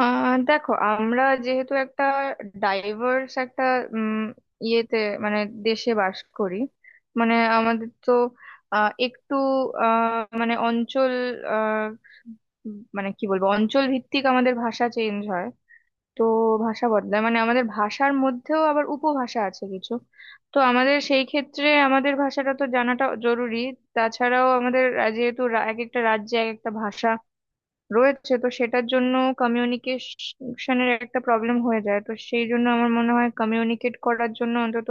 দেখো, আমরা যেহেতু একটা ডাইভার্স একটা উম ইয়েতে মানে দেশে বাস করি। মানে আমাদের তো একটু মানে অঞ্চল, আহ, মানে কি বলবো, অঞ্চল ভিত্তিক আমাদের ভাষা চেঞ্জ হয়। তো ভাষা বদলায়, মানে আমাদের ভাষার মধ্যেও আবার উপভাষা আছে কিছু। তো আমাদের সেই ক্ষেত্রে আমাদের ভাষাটা তো জানাটা জরুরি। তাছাড়াও যেহেতু এক একটা রাজ্যে এক একটা ভাষা রয়েছে, তো সেটার জন্য কমিউনিকেশনের একটা প্রবলেম হয়ে যায়। তো সেই জন্য আমার মনে হয়, কমিউনিকেট করার জন্য অন্তত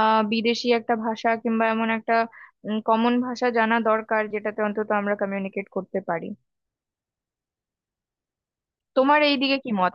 বিদেশি একটা ভাষা কিংবা এমন একটা কমন ভাষা জানা দরকার যেটাতে অন্তত আমরা কমিউনিকেট করতে পারি। তোমার এই দিকে কি মত?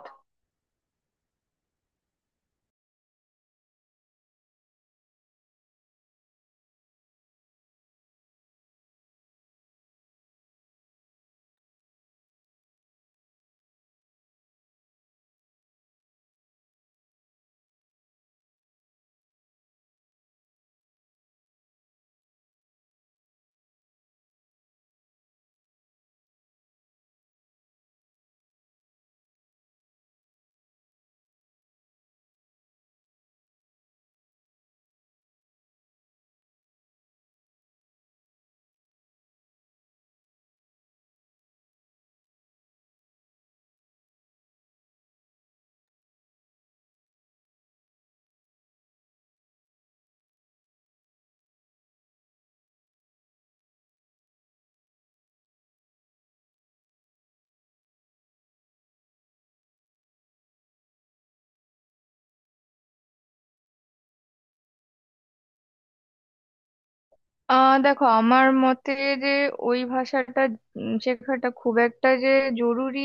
দেখো, আমার মতে যে ওই ভাষাটা শেখাটা খুব একটা যে জরুরি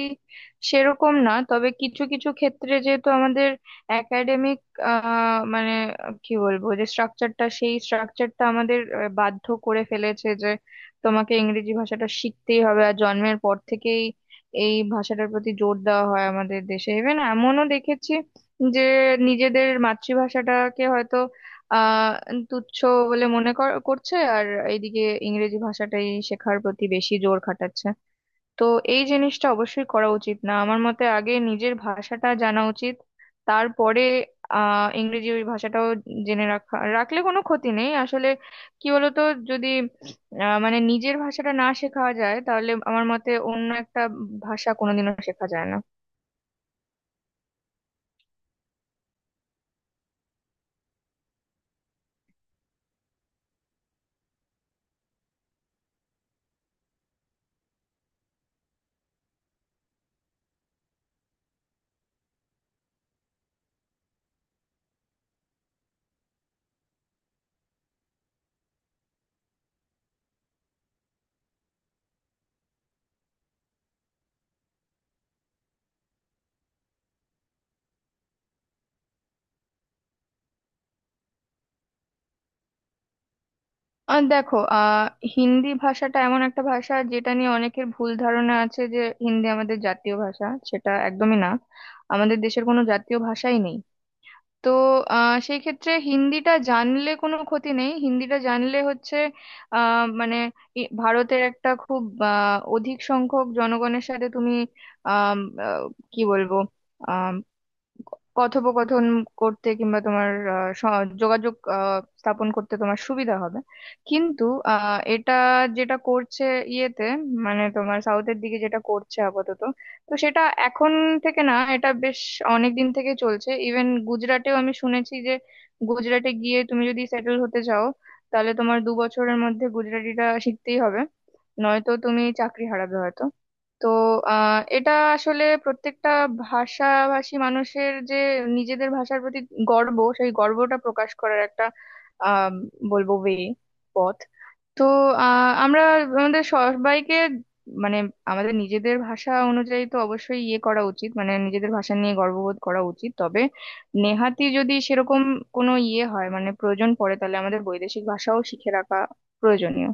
সেরকম না। তবে কিছু কিছু ক্ষেত্রে যেহেতু আমাদের একাডেমিক, মানে কি বলবো, যে স্ট্রাকচারটা, সেই স্ট্রাকচারটা আমাদের বাধ্য করে ফেলেছে যে তোমাকে ইংরেজি ভাষাটা শিখতেই হবে। আর জন্মের পর থেকেই এই ভাষাটার প্রতি জোর দেওয়া হয় আমাদের দেশে। ইভেন এমনও দেখেছি যে নিজেদের মাতৃভাষাটাকে হয়তো আহ তুচ্ছ বলে মনে করছে, আর এইদিকে ইংরেজি ভাষাটাই শেখার প্রতি বেশি জোর খাটাচ্ছে। তো এই জিনিসটা অবশ্যই করা উচিত না। আমার মতে আগে নিজের ভাষাটা জানা উচিত, তারপরে ইংরেজি ওই ভাষাটাও জেনে রাখলে কোনো ক্ষতি নেই আসলে। কি বলতো, যদি মানে নিজের ভাষাটা না শেখা যায় তাহলে আমার মতে অন্য একটা ভাষা কোনোদিনও শেখা যায় না। আর দেখো, হিন্দি ভাষাটা এমন একটা ভাষা যেটা নিয়ে অনেকের ভুল ধারণা আছে যে হিন্দি আমাদের জাতীয় ভাষা। সেটা একদমই না, আমাদের দেশের কোনো জাতীয় ভাষাই নেই। তো সেই ক্ষেত্রে হিন্দিটা জানলে কোনো ক্ষতি নেই। হিন্দিটা জানলে হচ্ছে মানে ভারতের একটা খুব অধিক সংখ্যক জনগণের সাথে তুমি আম, আহ, কি বলবো, কথোপকথন করতে কিংবা তোমার আহ, স- যোগাযোগ স্থাপন করতে তোমার সুবিধা হবে। কিন্তু এটা যেটা করছে ইয়েতে মানে তোমার সাউথের দিকে যেটা করছে আপাতত, তো সেটা এখন থেকে না, এটা বেশ অনেক দিন থেকে চলছে। ইভেন গুজরাটেও আমি শুনেছি যে গুজরাটে গিয়ে তুমি যদি সেটেল হতে চাও তাহলে তোমার 2 বছরের মধ্যে গুজরাটিটা শিখতেই হবে, নয়তো তুমি চাকরি হারাবে হয়তো। তো এটা আসলে প্রত্যেকটা ভাষাভাষী মানুষের যে নিজেদের ভাষার প্রতি গর্ব, সেই গর্বটা প্রকাশ করার একটা আহ বলবো ওয়ে, পথ। তো আমরা, আমাদের সবাইকে, মানে আমাদের নিজেদের ভাষা অনুযায়ী তো অবশ্যই ইয়ে করা উচিত, মানে নিজেদের ভাষা নিয়ে গর্ববোধ করা উচিত। তবে নেহাতি যদি সেরকম কোনো ইয়ে হয়, মানে প্রয়োজন পড়ে, তাহলে আমাদের বৈদেশিক ভাষাও শিখে রাখা প্রয়োজনীয়।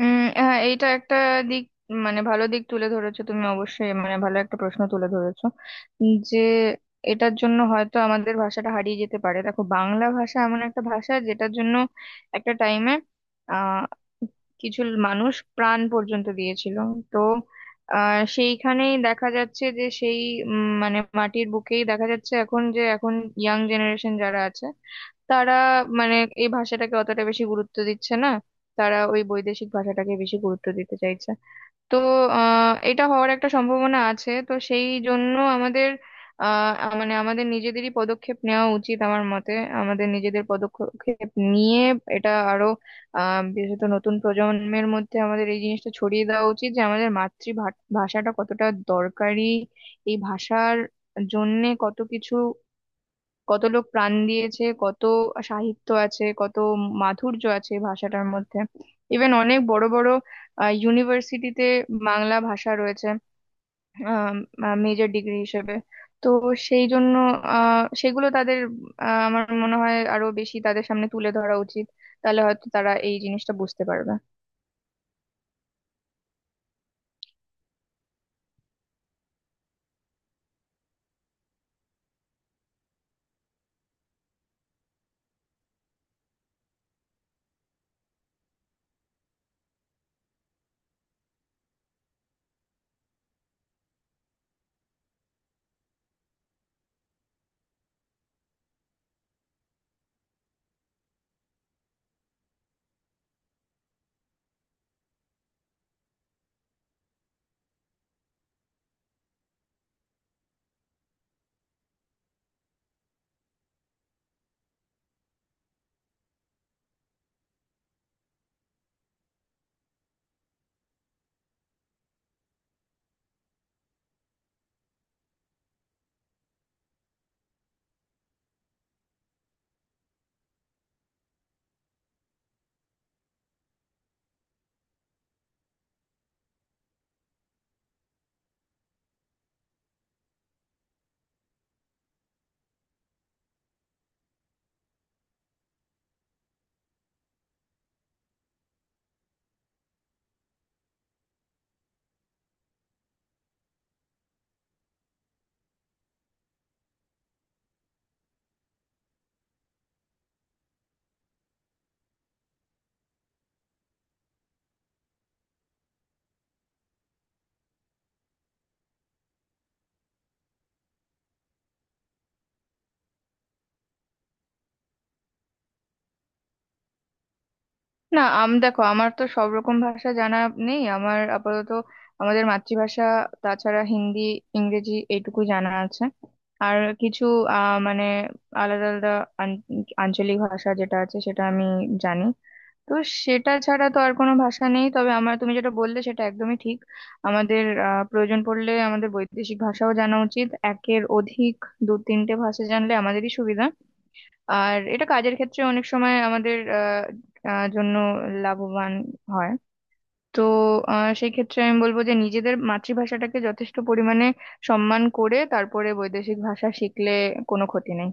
হ্যাঁ, এইটা একটা দিক, মানে ভালো দিক তুলে ধরেছো তুমি। অবশ্যই মানে ভালো একটা প্রশ্ন তুলে ধরেছো। যে এটার জন্য হয়তো আমাদের ভাষাটা হারিয়ে যেতে পারে। দেখো, বাংলা ভাষা এমন একটা ভাষা যেটার জন্য একটা টাইমে আহ কিছু মানুষ প্রাণ পর্যন্ত দিয়েছিল। তো সেইখানেই দেখা যাচ্ছে যে সেই, মানে মাটির বুকেই দেখা যাচ্ছে এখন, যে এখন ইয়াং জেনারেশন যারা আছে তারা মানে এই ভাষাটাকে অতটা বেশি গুরুত্ব দিচ্ছে না, তারা ওই বৈদেশিক ভাষাটাকে বেশি গুরুত্ব দিতে চাইছে। তো এটা হওয়ার একটা সম্ভাবনা আছে। তো সেই জন্য আমাদের মানে আমাদের নিজেদেরই পদক্ষেপ নেওয়া উচিত আমার মতে। আমাদের নিজেদের পদক্ষেপ নিয়ে এটা আরো বিশেষত নতুন প্রজন্মের মধ্যে আমাদের এই জিনিসটা ছড়িয়ে দেওয়া উচিত, যে আমাদের মাতৃভাষাটা কতটা দরকারি, এই ভাষার জন্যে কত কিছু, কত লোক প্রাণ দিয়েছে, কত সাহিত্য আছে, কত মাধুর্য আছে এই ভাষাটার মধ্যে। ইভেন অনেক বড় বড় ইউনিভার্সিটিতে বাংলা ভাষা রয়েছে মেজর ডিগ্রি হিসেবে। তো সেই জন্য সেগুলো তাদের, আমার মনে হয় আরো বেশি তাদের সামনে তুলে ধরা উচিত। তাহলে হয়তো তারা এই জিনিসটা বুঝতে পারবে। না, দেখো, আমার তো সব রকম ভাষা জানা নেই। আমার আপাতত আমাদের মাতৃভাষা, তাছাড়া হিন্দি, ইংরেজি এইটুকু জানা আছে। আর কিছু মানে আলাদা আলাদা আন- আঞ্চলিক ভাষা যেটা আছে সেটা আমি জানি। তো সেটা ছাড়া তো আর কোনো ভাষা নেই। তবে আমার, তুমি যেটা বললে সেটা একদমই ঠিক, আমাদের প্রয়োজন পড়লে আমাদের বৈদেশিক ভাষাও জানা উচিত একের অধিক। 2-3টে ভাষা জানলে আমাদেরই সুবিধা, আর এটা কাজের ক্ষেত্রে অনেক সময় আমাদের আহ, আহ, জন্য লাভবান হয়। তো সেই ক্ষেত্রে আমি বলবো যে নিজেদের মাতৃভাষাটাকে যথেষ্ট পরিমাণে সম্মান করে তারপরে বৈদেশিক ভাষা শিখলে কোনো ক্ষতি নেই।